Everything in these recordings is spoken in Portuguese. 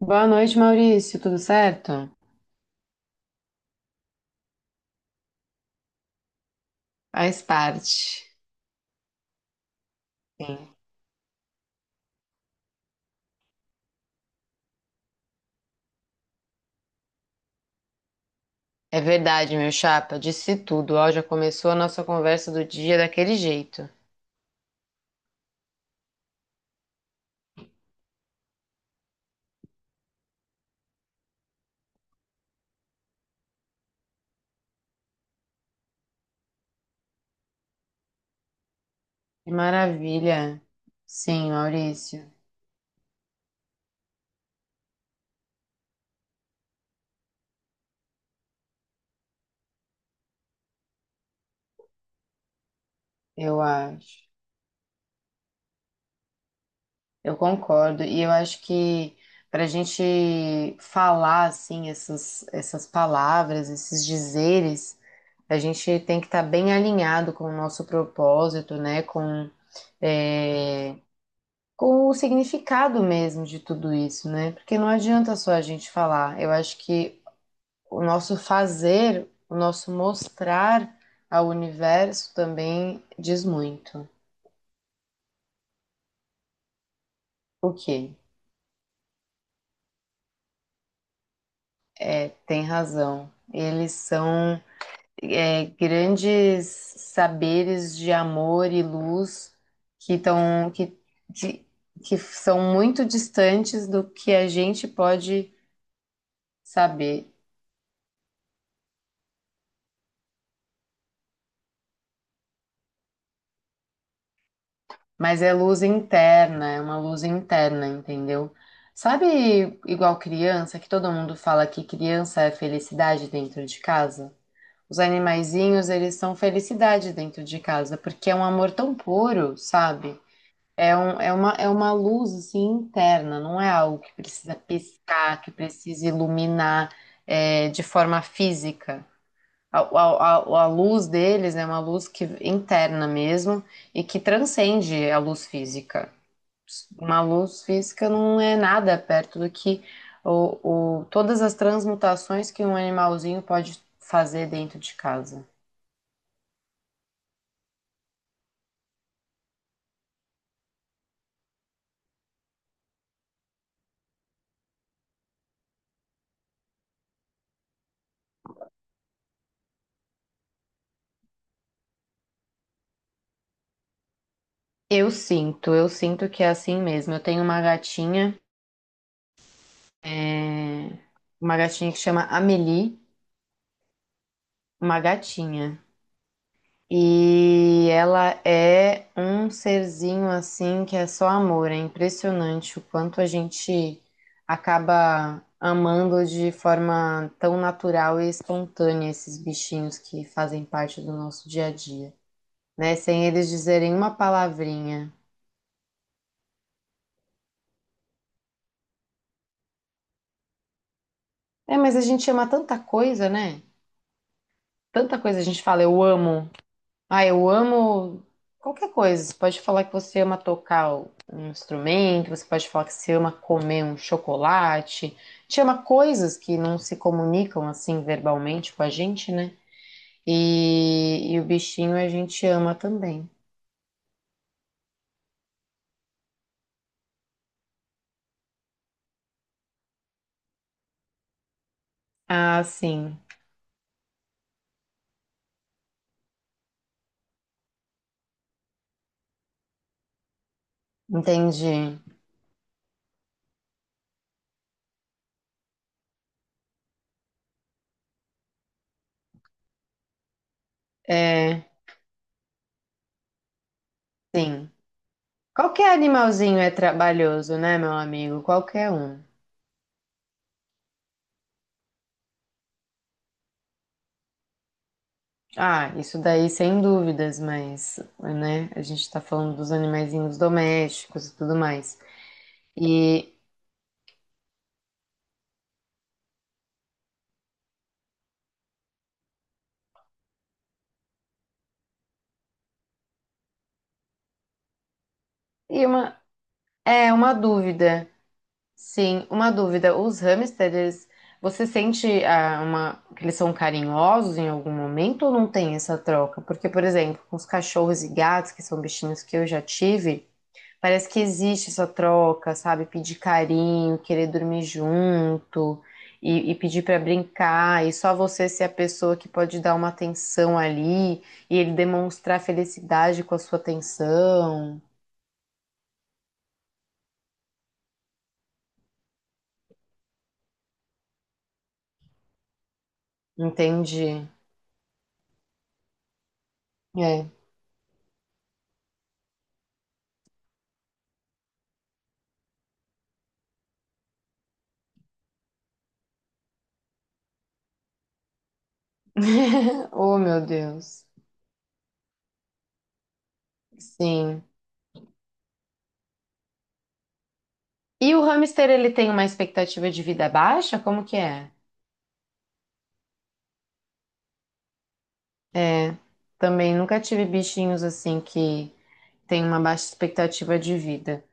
Boa noite, Maurício. Tudo certo? Faz parte. Sim. É verdade, meu chapa. Disse tudo. Ó, já começou a nossa conversa do dia daquele jeito. Que maravilha. Sim, Maurício. Eu acho. Eu concordo. E eu acho que para a gente falar assim essas palavras, esses dizeres, a gente tem que estar bem alinhado com o nosso propósito, né? Com eh, com o significado mesmo de tudo isso, né? Porque não adianta só a gente falar. Eu acho que o nosso fazer, o nosso mostrar ao universo também diz muito. O que? É, tem razão. Eles são grandes saberes de amor e luz que estão que, de- que são muito distantes do que a gente pode saber. Mas é luz interna, é uma luz interna, entendeu? Sabe, igual criança, que todo mundo fala que criança é felicidade dentro de casa? Os animaizinhos, eles são felicidade dentro de casa, porque é um amor tão puro, sabe? É uma luz, assim, interna, não é algo que precisa piscar, que precisa iluminar, é, de forma física. A luz deles é uma luz que, interna mesmo e que transcende a luz física. Uma luz física não é nada perto do que todas as transmutações que um animalzinho pode fazer dentro de casa. Eu sinto que é assim mesmo. Eu tenho uma gatinha, é, uma gatinha que chama Amélie, uma gatinha. E ela é um serzinho assim que é só amor. É impressionante o quanto a gente acaba amando de forma tão natural e espontânea esses bichinhos que fazem parte do nosso dia a dia, né? Sem eles dizerem uma palavrinha. É, mas a gente ama tanta coisa, né? Tanta coisa a gente fala, eu amo. Ah, eu amo qualquer coisa. Você pode falar que você ama tocar um instrumento, você pode falar que você ama comer um chocolate. Te ama coisas que não se comunicam assim verbalmente com a gente, né? E o bichinho a gente ama também. Ah, sim. Entendi. É, sim. Qualquer animalzinho é trabalhoso, né, meu amigo? Qualquer um. Ah, isso daí sem dúvidas, mas, né, a gente tá falando dos animaizinhos domésticos e tudo mais. E, e uma, é uma dúvida, sim, uma dúvida. Os hamsters, você sente que eles são carinhosos em algum momento ou não tem essa troca? Porque, por exemplo, com os cachorros e gatos, que são bichinhos que eu já tive, parece que existe essa troca, sabe? Pedir carinho, querer dormir junto e pedir pra brincar, e só você ser a pessoa que pode dar uma atenção ali e ele demonstrar felicidade com a sua atenção. Entendi. É. Oh, meu Deus. Sim. E o hamster, ele tem uma expectativa de vida baixa? Como que é? É. Também nunca tive bichinhos assim que tem uma baixa expectativa de vida.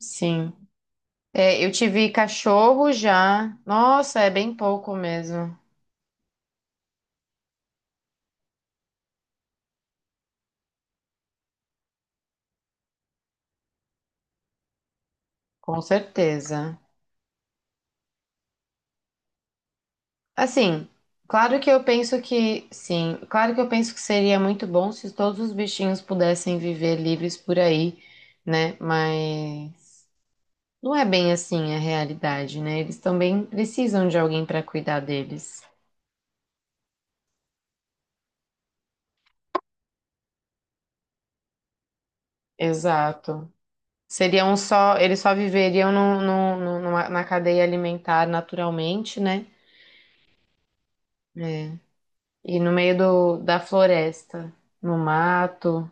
Sim. É, eu tive cachorro já. Nossa, é bem pouco mesmo. Com certeza. Assim, claro que eu penso que, sim, claro que eu penso que seria muito bom se todos os bichinhos pudessem viver livres por aí, né? Mas não é bem assim a realidade, né? Eles também precisam de alguém para cuidar deles. Exato. Seriam só, eles só viveriam na cadeia alimentar naturalmente, né? É. E no meio do, da floresta, no mato.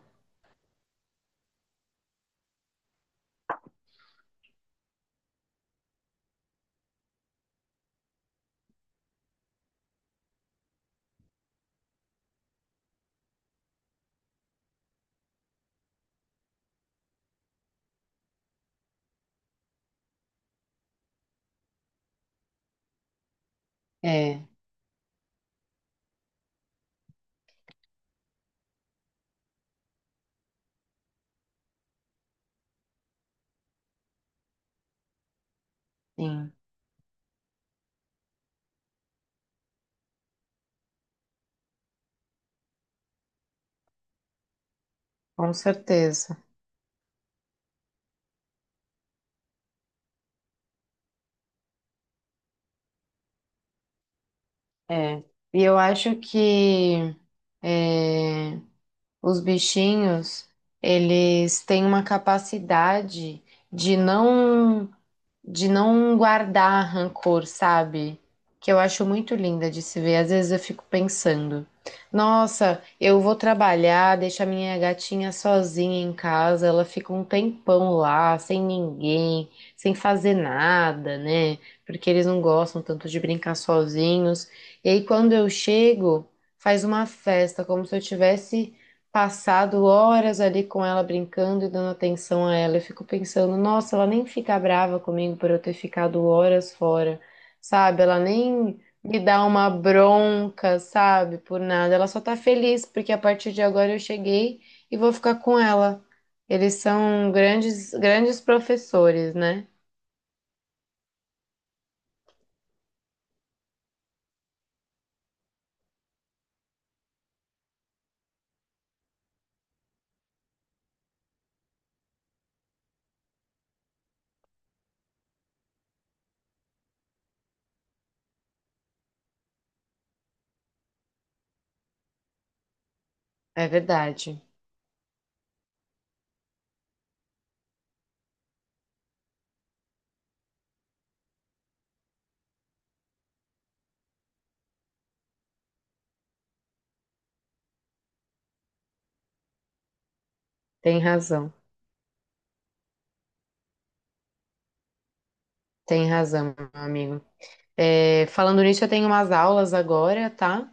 É, sim, com certeza. É. E eu acho que é, os bichinhos, eles têm uma capacidade de não. de não guardar rancor, sabe? Que eu acho muito linda de se ver. Às vezes eu fico pensando, nossa, eu vou trabalhar, deixo a minha gatinha sozinha em casa, ela fica um tempão lá, sem ninguém, sem fazer nada, né? Porque eles não gostam tanto de brincar sozinhos. E aí quando eu chego, faz uma festa, como se eu tivesse passado horas ali com ela brincando e dando atenção a ela. Eu fico pensando, nossa, ela nem fica brava comigo por eu ter ficado horas fora, sabe? Ela nem me dá uma bronca, sabe? Por nada. Ela só tá feliz porque a partir de agora eu cheguei e vou ficar com ela. Eles são grandes, grandes professores, né? É verdade. Tem razão. Tem razão, meu amigo. É, falando nisso, eu tenho umas aulas agora, tá?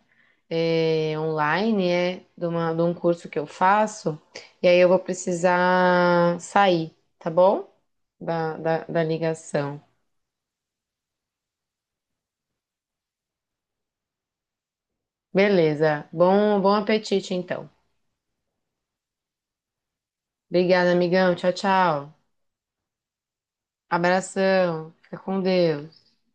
É, online, é de, de um curso que eu faço, e aí eu vou precisar sair, tá bom? Da ligação. Beleza. Bom, bom apetite, então. Obrigada, amigão. Tchau, tchau. Abração. Fica com Deus.